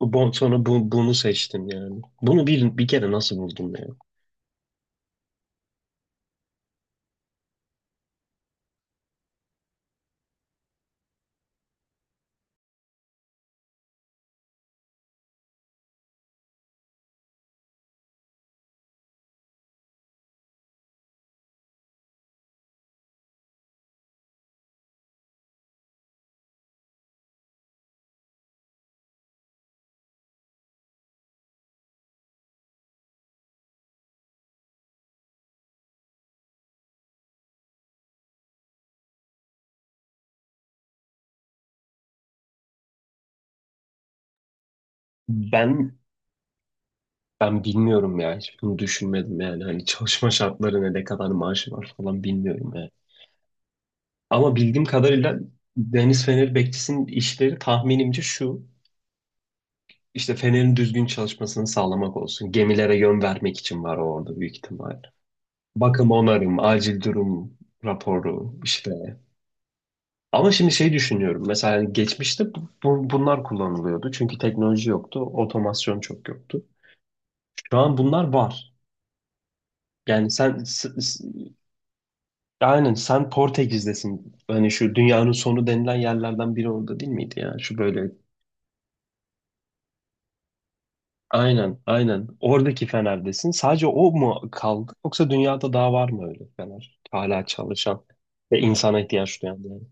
Bon, sonra bunu seçtim yani. Bunu bir kere nasıl buldum ya? Ben ben bilmiyorum ya. Hiç bunu düşünmedim yani. Hani çalışma şartları ne, ne kadar maaşı var falan bilmiyorum yani. Ama bildiğim kadarıyla Deniz Fener bekçisinin işleri tahminimce şu. İşte Fener'in düzgün çalışmasını sağlamak olsun. Gemilere yön vermek için var o orada büyük ihtimal. Bakım onarım, acil durum raporu, işte. Ama şimdi şey düşünüyorum. Mesela hani geçmişte bunlar kullanılıyordu. Çünkü teknoloji yoktu. Otomasyon çok yoktu. Şu an bunlar var. Yani aynen sen Portekiz'desin. Hani şu dünyanın sonu denilen yerlerden biri orada değil miydi ya? Şu böyle aynen aynen oradaki Fener'desin. Sadece o mu kaldı? Yoksa dünyada daha var mı öyle Fener? Hala çalışan ve insana ihtiyaç duyan yani.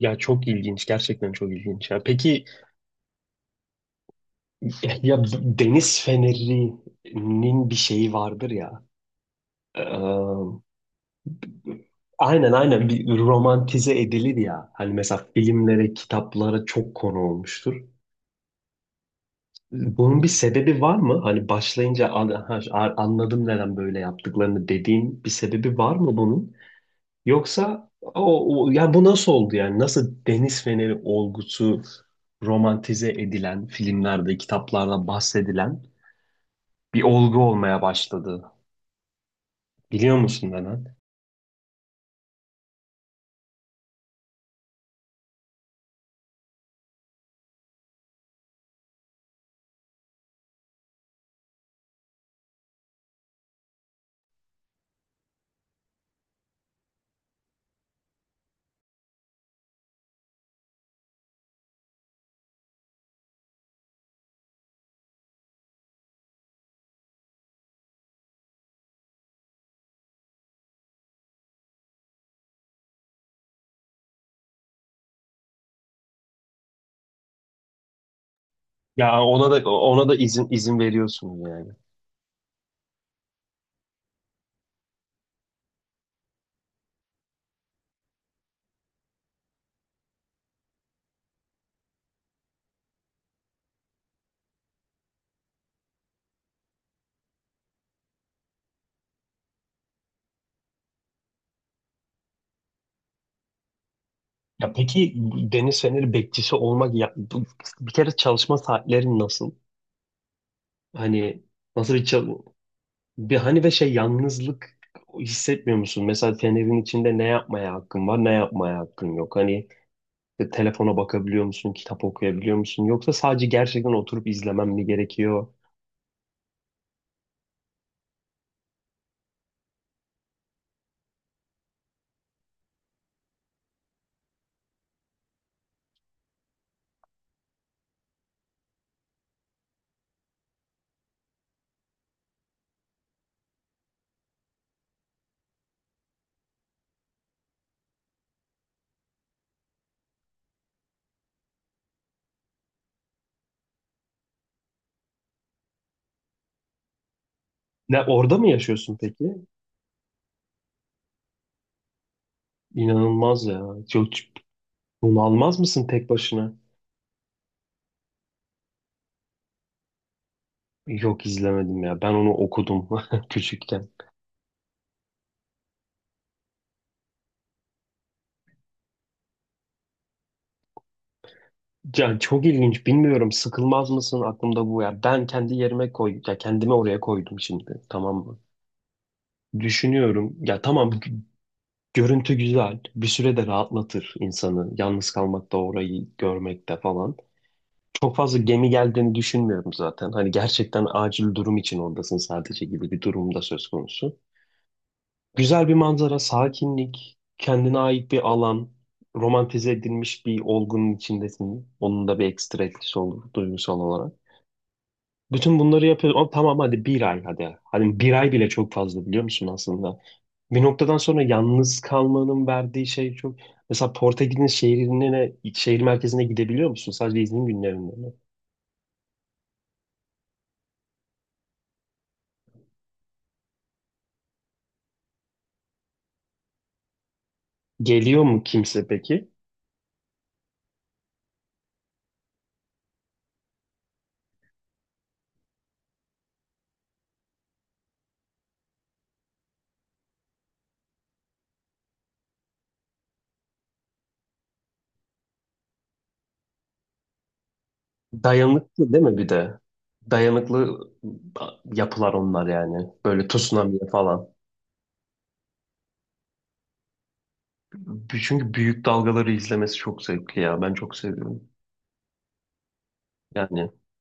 Ya çok ilginç. Gerçekten çok ilginç. Ya, peki. Ya, ya deniz fenerinin bir şeyi vardır ya. Ee, aynen aynen bir romantize edilir ya. Hani mesela filmlere, kitaplara çok konu olmuştur. Bunun bir sebebi var mı? Hani başlayınca ha, anladım neden böyle yaptıklarını" dediğin bir sebebi var mı bunun? Yoksa ya bu nasıl oldu yani? Nasıl deniz feneri olgusu romantize edilen filmlerde, kitaplarda bahsedilen bir olgu olmaya başladı? Biliyor musun neden? Ya ona da izin veriyorsunuz yani. Ya peki, deniz feneri bekçisi olmak ya bir kere çalışma saatlerin nasıl? Hani nasıl bir çal- bir hani ve şey yalnızlık hissetmiyor musun? Mesela fenerin içinde ne yapmaya hakkın var, ne yapmaya hakkın yok. Hani işte telefona bakabiliyor musun, kitap okuyabiliyor musun? Yoksa sadece gerçekten oturup izlemem mi gerekiyor? Ne, orada mı yaşıyorsun peki? İnanılmaz ya. Çok bunalmaz mısın tek başına? Yok, izlemedim ya. Ben onu okudum küçükken. Ya çok ilginç. Bilmiyorum, sıkılmaz mısın, aklımda bu ya. Ben kendi yerime koy ya, kendimi oraya koydum şimdi. Tamam mı? Düşünüyorum. Ya tamam, görüntü güzel. Bir süre de rahatlatır insanı. Yalnız kalmakta, orayı görmekte falan. Çok fazla gemi geldiğini düşünmüyorum zaten. Hani gerçekten acil durum için oradasın sadece gibi bir durumda söz konusu. Güzel bir manzara, sakinlik, kendine ait bir alan, romantize edilmiş bir olgunun içindesin. Onun da bir ekstra etkisi olur duygusal olarak. Bütün bunları yapıyoruz. Ama tamam, hadi bir ay, hadi. Hani bir ay bile çok fazla, biliyor musun aslında? Bir noktadan sonra yalnız kalmanın verdiği şey çok... Mesela Portekiz'in şehrine, şehir merkezine gidebiliyor musun? Sadece izin günlerinde mi? Geliyor mu kimse peki? Dayanıklı değil mi bir de? Dayanıklı yapılar onlar yani. Böyle tsunami falan. Çünkü büyük dalgaları izlemesi çok zevkli ya. Ben çok seviyorum. Yani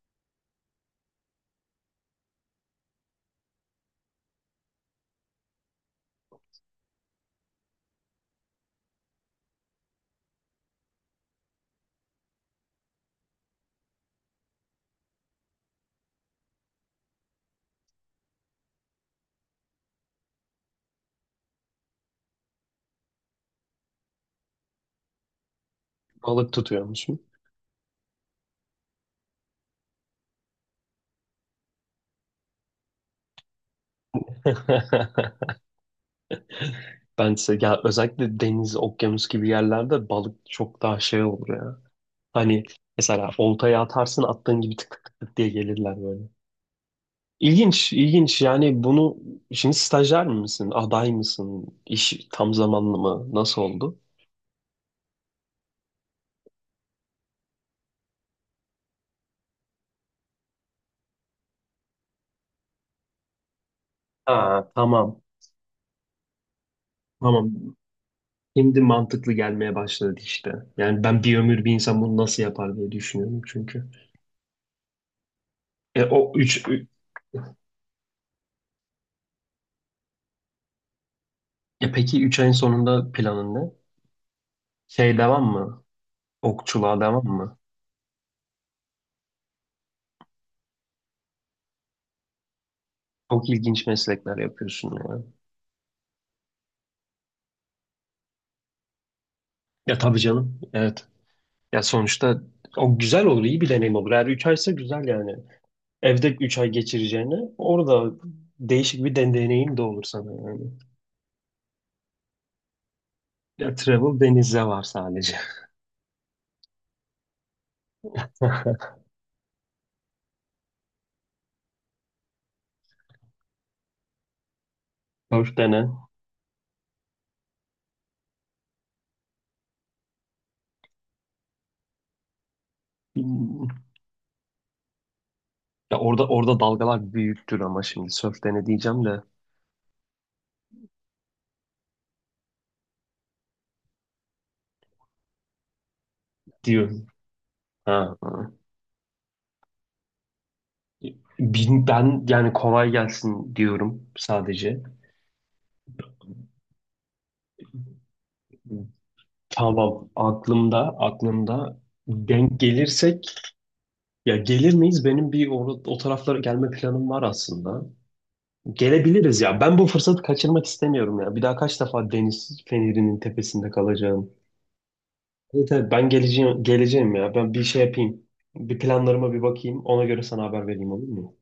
balık tutuyor musun? ben size ya, özellikle deniz, okyanus gibi yerlerde balık çok daha şey olur ya. Hani mesela oltaya atarsın, attığın gibi tık tık tık tık diye gelirler böyle. İlginç, ilginç. Yani bunu, şimdi stajyer misin, aday mısın, iş tam zamanlı mı, nasıl oldu? Ha, tamam, tamam. Şimdi mantıklı gelmeye başladı işte. Yani ben bir ömür bir insan bunu nasıl yapar diye düşünüyorum çünkü. E, o üç, ü- e peki 3 ayın sonunda planın ne? Şey, devam mı? Okçuluğa devam mı? Çok ilginç meslekler yapıyorsun ya. Ya tabii canım. Evet. Ya sonuçta o güzel olur, iyi bir deneyim olur. Eğer 3 aysa güzel yani. Evde 3 ay geçireceğine orada değişik bir deneyim de olur sana yani. Ya travel denizde var sadece. Sörf dene. Hmm. Ya orada, orada dalgalar büyüktür ama şimdi sörf dene diyeceğim de diyorum. Ha. Ben yani kolay gelsin diyorum sadece. Tamam, aklımda, aklımda, denk gelirsek ya, gelir miyiz? Benim bir o taraflara gelme planım var aslında. Gelebiliriz ya. Ben bu fırsatı kaçırmak istemiyorum ya. Bir daha kaç defa deniz fenerinin tepesinde kalacağım? Evet, evet, ben geleceğim, geleceğim ya. Ben bir şey yapayım. Bir planlarıma bir bakayım. Ona göre sana haber vereyim, olur mu?